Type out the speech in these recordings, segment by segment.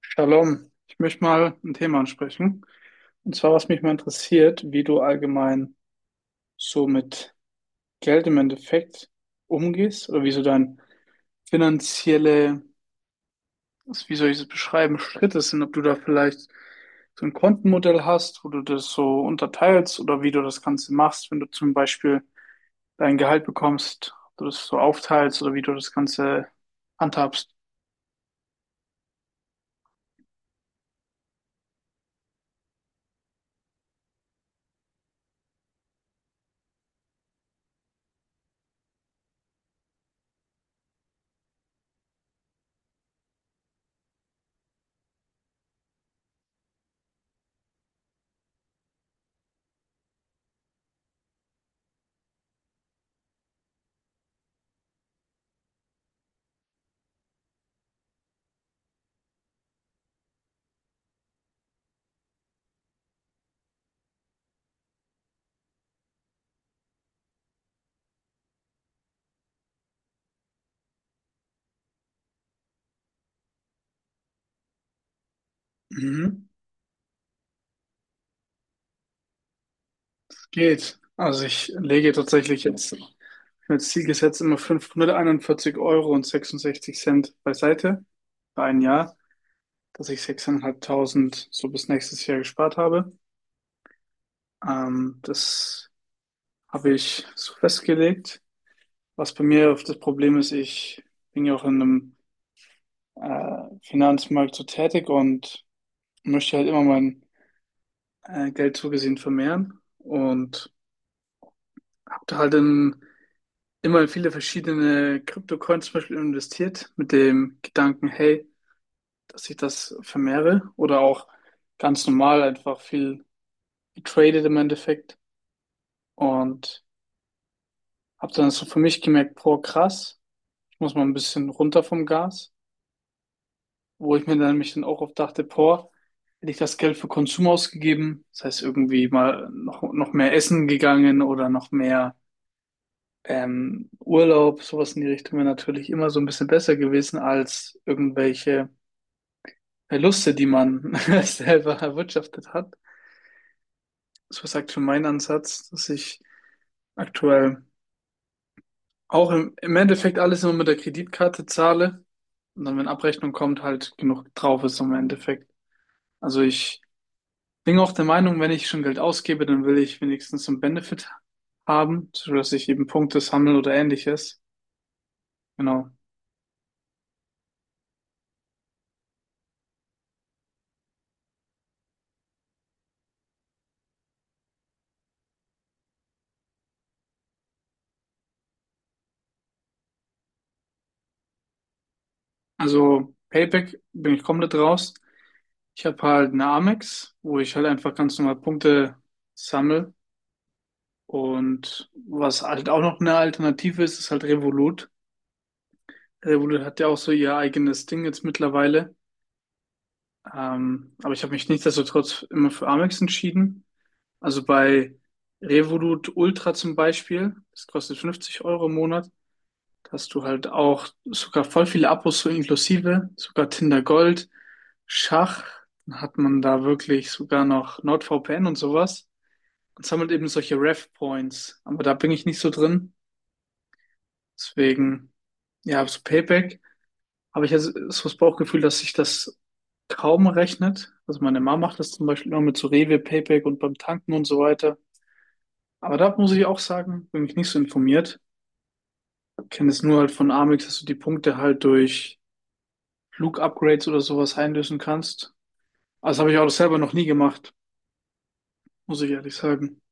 Shalom, ich möchte mal ein Thema ansprechen. Und zwar, was mich mal interessiert, wie du allgemein so mit Geld im Endeffekt umgehst oder wie so dein finanzielle, also wie soll ich es beschreiben, Schritte sind, ob du da vielleicht so ein Kontenmodell hast, wo du das so unterteilst oder wie du das Ganze machst, wenn du zum Beispiel dein Gehalt bekommst, ob du das so aufteilst oder wie du das Ganze handhabst. Mhm. Geht. Also ich lege tatsächlich jetzt. Ich habe als Ziel gesetzt immer 541 Euro und 66 Cent beiseite für ein Jahr, dass ich 6.500 so bis nächstes Jahr gespart habe. Das habe ich so festgelegt. Was bei mir oft das Problem ist, ich bin ja auch in einem Finanzmarkt so tätig und möchte halt immer mein Geld zugesehen vermehren und habe da halt immer in viele verschiedene Kryptocoins zum Beispiel investiert mit dem Gedanken, hey, dass ich das vermehre oder auch ganz normal einfach viel getradet im Endeffekt und habe dann so für mich gemerkt, boah, krass, ich muss mal ein bisschen runter vom Gas, wo ich mir dann mich dann auch oft dachte, boah, hätte ich das Geld für Konsum ausgegeben, das heißt irgendwie mal noch mehr essen gegangen oder noch mehr Urlaub, sowas in die Richtung wäre natürlich immer so ein bisschen besser gewesen als irgendwelche Verluste, die man selber erwirtschaftet hat. So sagt für meinen Ansatz, dass ich aktuell. Auch im Endeffekt alles nur mit der Kreditkarte zahle und dann, wenn Abrechnung kommt, halt genug drauf ist im Endeffekt. Also ich bin auch der Meinung, wenn ich schon Geld ausgebe, dann will ich wenigstens einen Benefit haben, sodass ich eben Punkte sammle oder ähnliches. Genau. Also Payback bin ich komplett raus. Ich habe halt eine Amex, wo ich halt einfach ganz normal Punkte sammle. Und was halt auch noch eine Alternative ist, ist halt Revolut. Revolut hat ja auch so ihr eigenes Ding jetzt mittlerweile. Aber ich habe mich nichtsdestotrotz immer für Amex entschieden. Also bei Revolut Ultra zum Beispiel, das kostet 50 Euro im Monat. Da hast du halt auch sogar voll viele Abos so inklusive, sogar Tinder Gold, Schach. Dann hat man da wirklich sogar noch NordVPN und sowas. Und sammelt eben solche Rev Points. Aber da bin ich nicht so drin. Deswegen, ja, so Payback habe ich jetzt so das Bauchgefühl, dass sich das kaum rechnet. Also meine Mama macht das zum Beispiel immer mit so Rewe, Payback und beim Tanken und so weiter. Aber da muss ich auch sagen, bin ich nicht so informiert. Kenne es nur halt von Amex, dass du die Punkte halt durch Flug-Upgrades oder sowas einlösen kannst. Also habe ich auch selber noch nie gemacht, muss ich ehrlich sagen.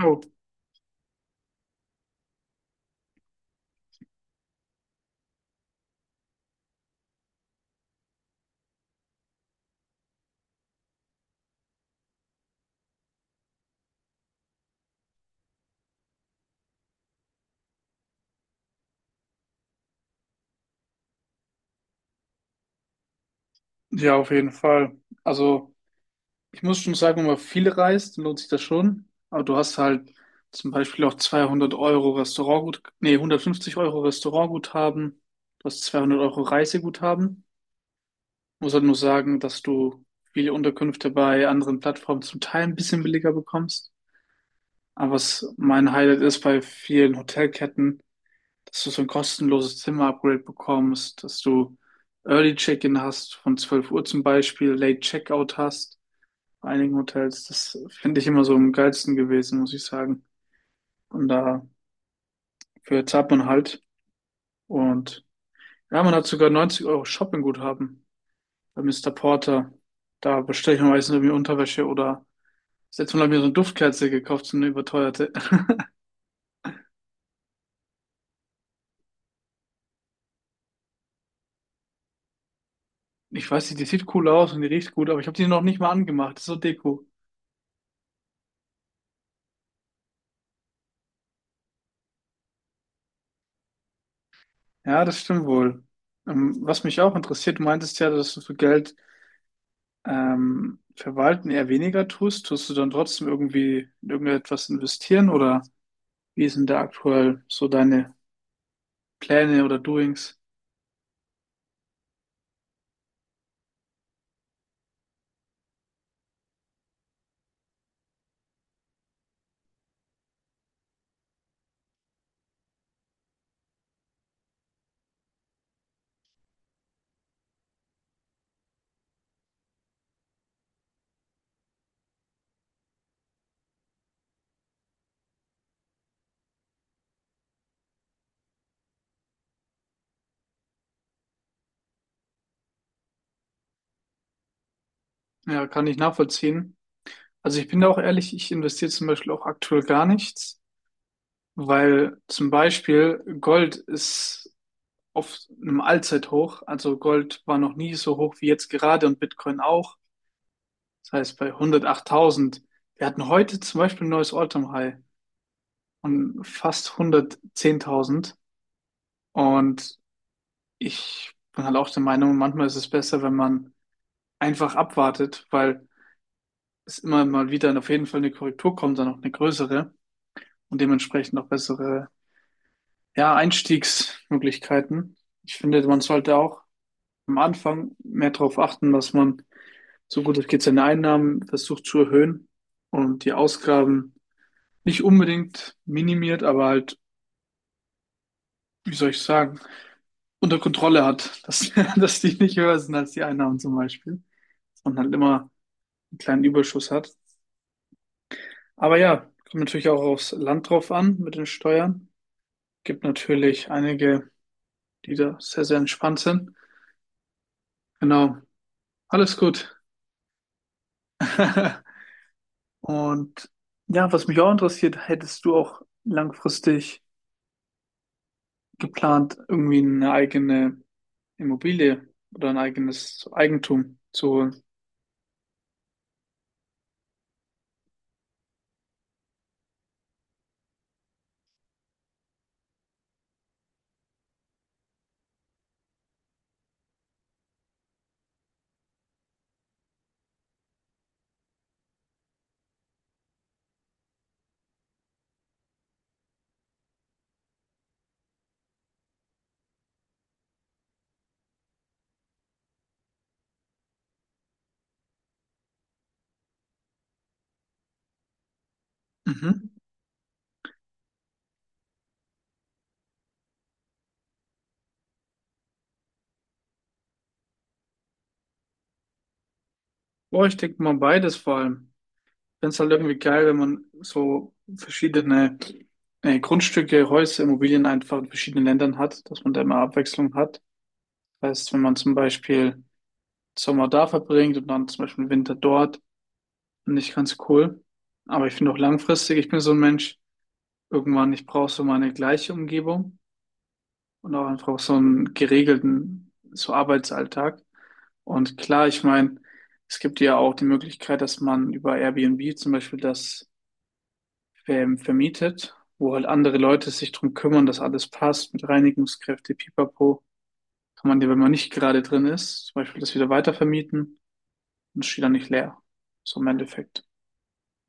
Oh, ja, auf jeden Fall. Also ich muss schon sagen, wenn man viel reist, dann lohnt sich das schon. Aber du hast halt zum Beispiel auch 200 Euro Restaurantgut, nee, 150 Euro Restaurantguthaben. Du hast 200 Euro Reiseguthaben. Muss halt nur sagen, dass du viele Unterkünfte bei anderen Plattformen zum Teil ein bisschen billiger bekommst. Aber was mein Highlight ist bei vielen Hotelketten, dass du so ein kostenloses Zimmer-Upgrade bekommst, dass du Early Check-in hast, von 12 Uhr zum Beispiel, Late Checkout hast. Bei einigen Hotels, das finde ich immer so am geilsten gewesen, muss ich sagen. Und da für zahlt man halt. Und ja, man hat sogar 90 Euro Shoppingguthaben bei Mister Porter. Da bestelle ich mir meistens irgendwie Unterwäsche oder jetzt mal habe ich mir so eine Duftkerze gekauft, so eine überteuerte. Ich weiß nicht, die sieht cool aus und die riecht gut, aber ich habe die noch nicht mal angemacht. Das ist so Deko. Ja, das stimmt wohl. Was mich auch interessiert, du meintest ja, dass du für Geld verwalten eher weniger tust. Tust du dann trotzdem irgendwie in irgendetwas investieren oder wie sind da aktuell so deine Pläne oder Doings? Ja, kann ich nachvollziehen. Also ich bin da auch ehrlich, ich investiere zum Beispiel auch aktuell gar nichts, weil zum Beispiel Gold ist auf einem Allzeithoch. Also Gold war noch nie so hoch wie jetzt gerade und Bitcoin auch. Das heißt bei hundertachttausend. Wir hatten heute zum Beispiel ein neues All-Time-High und fast hundertzehntausend. Und ich bin halt auch der Meinung, manchmal ist es besser, wenn man einfach abwartet, weil es immer mal wieder auf jeden Fall eine Korrektur kommt, dann auch eine größere und dementsprechend auch bessere, ja, Einstiegsmöglichkeiten. Ich finde, man sollte auch am Anfang mehr darauf achten, dass man so gut es geht seine Einnahmen versucht zu erhöhen und die Ausgaben nicht unbedingt minimiert, aber halt, wie soll ich sagen, unter Kontrolle hat, dass, dass die nicht höher sind als die Einnahmen zum Beispiel und halt immer einen kleinen Überschuss hat. Aber ja, kommt natürlich auch aufs Land drauf an mit den Steuern. Gibt natürlich einige, die da sehr, sehr entspannt sind. Genau. Alles gut. Und ja, was mich auch interessiert, hättest du auch langfristig geplant, irgendwie eine eigene Immobilie oder ein eigenes Eigentum zu holen? Mhm. Boah, ich denke mal beides vor allem. Ich finde es halt irgendwie geil, wenn man so verschiedene Grundstücke, Häuser, Immobilien einfach in verschiedenen Ländern hat, dass man da immer Abwechslung hat. Das heißt, wenn man zum Beispiel Sommer da verbringt und dann zum Beispiel Winter dort. Finde ich ganz cool. Aber ich finde auch langfristig, ich bin so ein Mensch, irgendwann, ich brauche so meine gleiche Umgebung und auch einfach so einen geregelten, so Arbeitsalltag. Und klar, ich meine, es gibt ja auch die Möglichkeit, dass man über Airbnb zum Beispiel das vermietet, wo halt andere Leute sich drum kümmern, dass alles passt mit Reinigungskräfte, Pipapo. Kann man dir, wenn man nicht gerade drin ist, zum Beispiel das wieder weitervermieten und es steht dann nicht leer. So im Endeffekt.